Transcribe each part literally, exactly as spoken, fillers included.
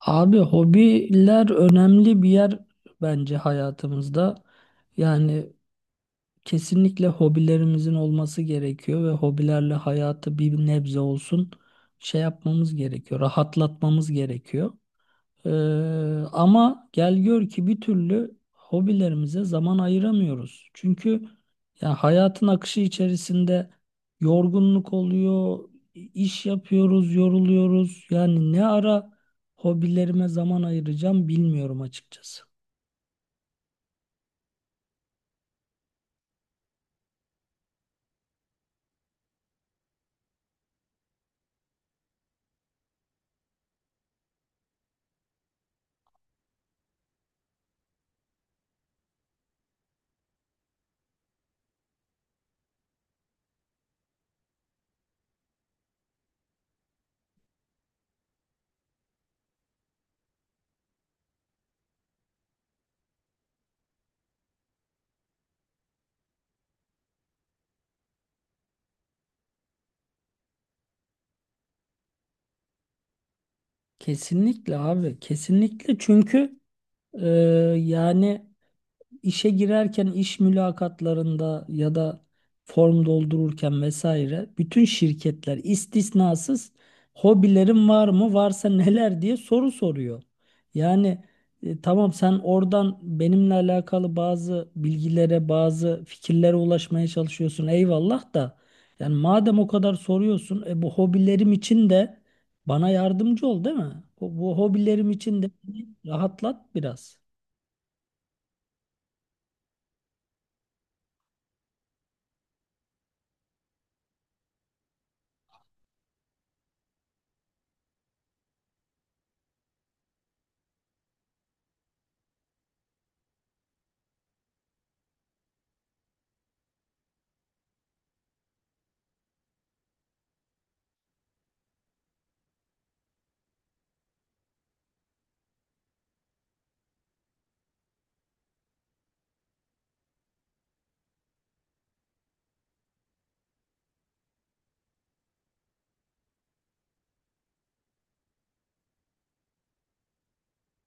Abi hobiler önemli bir yer bence hayatımızda. Yani kesinlikle hobilerimizin olması gerekiyor ve hobilerle hayatı bir nebze olsun şey yapmamız gerekiyor, rahatlatmamız gerekiyor. Ee, Ama gel gör ki bir türlü hobilerimize zaman ayıramıyoruz. Çünkü yani hayatın akışı içerisinde yorgunluk oluyor, iş yapıyoruz, yoruluyoruz. Yani ne ara hobilerime zaman ayıracağım bilmiyorum açıkçası. Kesinlikle abi, kesinlikle çünkü e, yani. İşe girerken iş mülakatlarında ya da form doldururken vesaire bütün şirketler istisnasız hobilerin var mı varsa neler diye soru soruyor. Yani e, tamam sen oradan benimle alakalı bazı bilgilere bazı fikirlere ulaşmaya çalışıyorsun eyvallah da yani madem o kadar soruyorsun e, bu hobilerim için de bana yardımcı ol değil mi? Bu, bu hobilerim için de rahatlat biraz.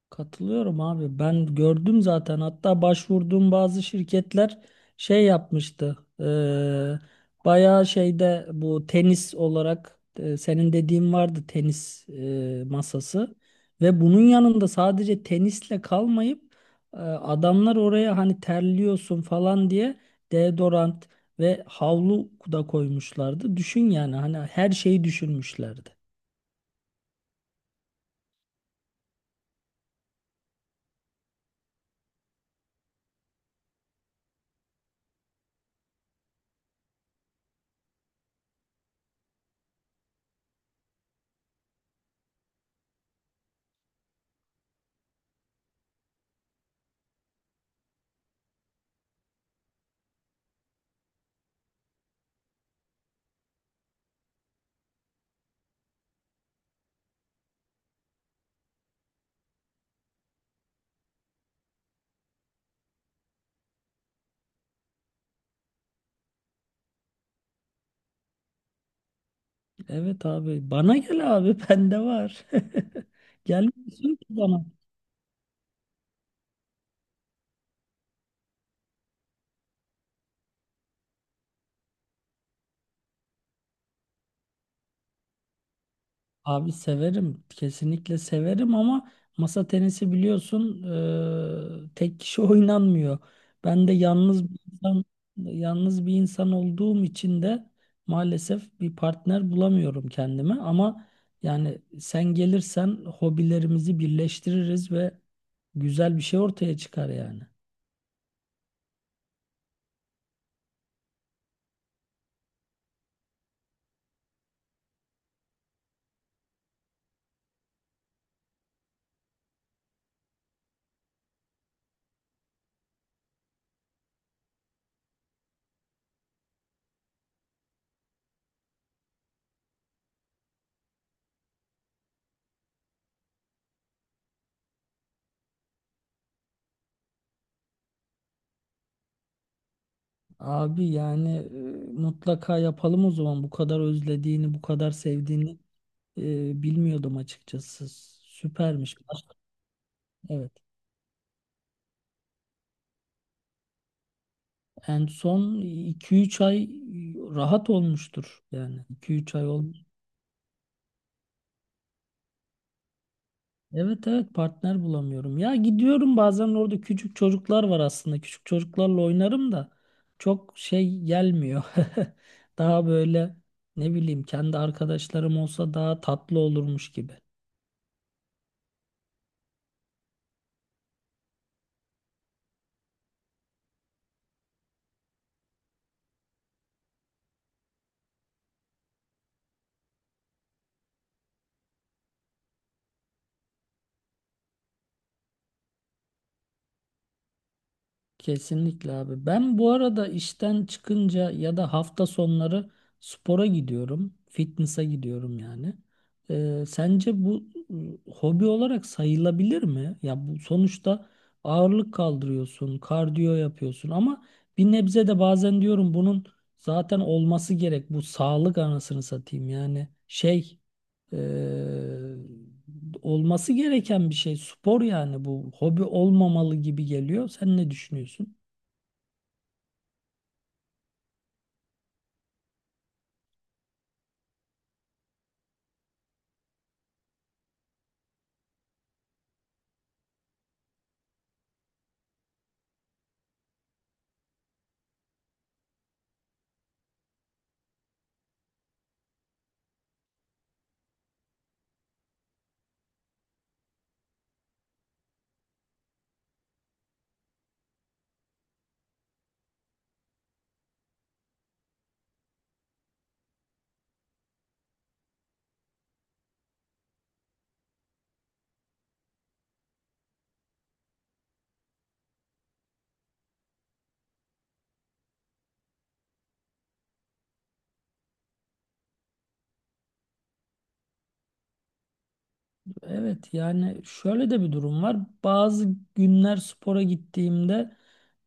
Katılıyorum abi. Ben gördüm zaten. Hatta başvurduğum bazı şirketler şey yapmıştı. Ee, bayağı şeyde bu tenis olarak, e, senin dediğin vardı tenis, e, masası ve bunun yanında sadece tenisle kalmayıp e, adamlar oraya hani terliyorsun falan diye deodorant ve havlu da koymuşlardı. Düşün yani hani her şeyi düşünmüşlerdi. Evet abi bana gel abi bende var. Gelmiyorsun ki bana. Abi severim. Kesinlikle severim ama masa tenisi biliyorsun eee, tek kişi oynanmıyor. Ben de yalnız bir insan, yalnız bir insan olduğum için de maalesef bir partner bulamıyorum kendime ama yani sen gelirsen hobilerimizi birleştiririz ve güzel bir şey ortaya çıkar yani. Abi yani e, mutlaka yapalım o zaman. Bu kadar özlediğini, bu kadar sevdiğini e, bilmiyordum açıkçası. Süpermiş. Evet. En son iki üç ay rahat olmuştur yani. İki üç ay olmuş. Evet, evet, partner bulamıyorum. Ya gidiyorum bazen, orada küçük çocuklar var aslında. Küçük çocuklarla oynarım da çok şey gelmiyor. Daha böyle ne bileyim, kendi arkadaşlarım olsa daha tatlı olurmuş gibi. Kesinlikle abi. Ben bu arada işten çıkınca ya da hafta sonları spora gidiyorum. Fitness'a gidiyorum yani. Ee, sence bu e, hobi olarak sayılabilir mi? Ya bu sonuçta ağırlık kaldırıyorsun, kardiyo yapıyorsun ama bir nebze de bazen diyorum bunun zaten olması gerek. Bu sağlık anasını satayım yani şey e, olması gereken bir şey. Spor yani bu hobi olmamalı gibi geliyor. Sen ne düşünüyorsun? Evet yani şöyle de bir durum var. Bazı günler spora gittiğimde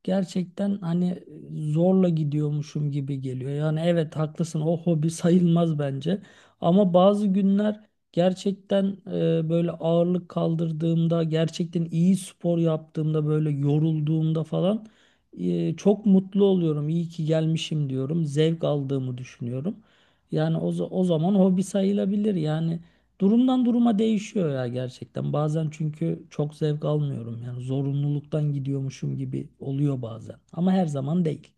gerçekten hani zorla gidiyormuşum gibi geliyor. Yani evet haklısın, o hobi sayılmaz bence. Ama bazı günler gerçekten e, böyle ağırlık kaldırdığımda, gerçekten iyi spor yaptığımda, böyle yorulduğumda falan e, çok mutlu oluyorum. İyi ki gelmişim diyorum. Zevk aldığımı düşünüyorum. Yani o, za- o zaman hobi sayılabilir. Yani durumdan duruma değişiyor ya gerçekten. Bazen çünkü çok zevk almıyorum. Yani zorunluluktan gidiyormuşum gibi oluyor bazen. Ama her zaman değil.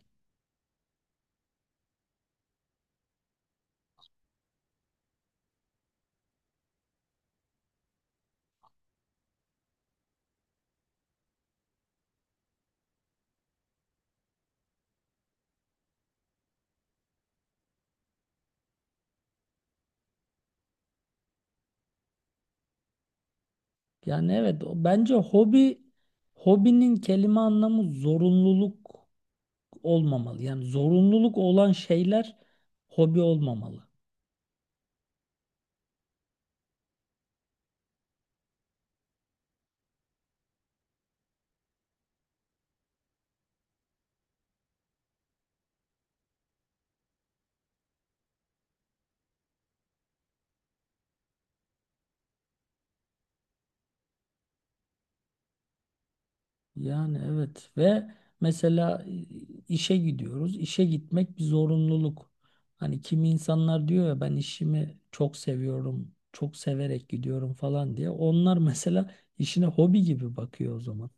Yani evet, o- bence hobi hobinin kelime anlamı zorunluluk olmamalı. Yani zorunluluk olan şeyler hobi olmamalı. Yani evet ve mesela işe gidiyoruz. İşe gitmek bir zorunluluk. Hani kimi insanlar diyor ya ben işimi çok seviyorum, çok severek gidiyorum falan diye. Onlar mesela işine hobi gibi bakıyor o zaman.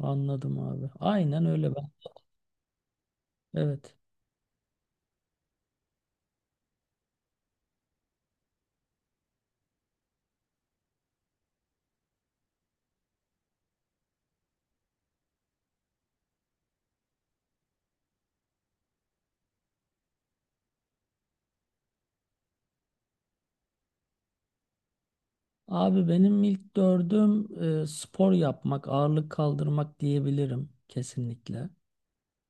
Anladım abi. Aynen öyle ben. Evet. Abi benim ilk dördüm e, spor yapmak, ağırlık kaldırmak diyebilirim kesinlikle.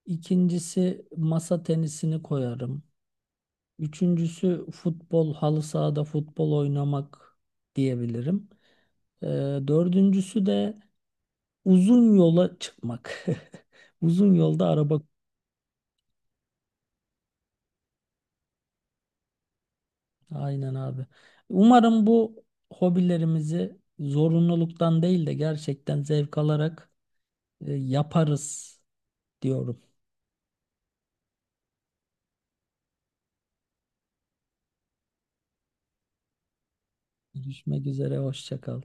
İkincisi masa tenisini koyarım. Üçüncüsü futbol, halı sahada futbol oynamak diyebilirim. Ee, Dördüncüsü de uzun yola çıkmak. Uzun yolda araba. Aynen abi. Umarım bu hobilerimizi zorunluluktan değil de gerçekten zevk alarak e, yaparız diyorum. Görüşmek üzere, hoşça kal.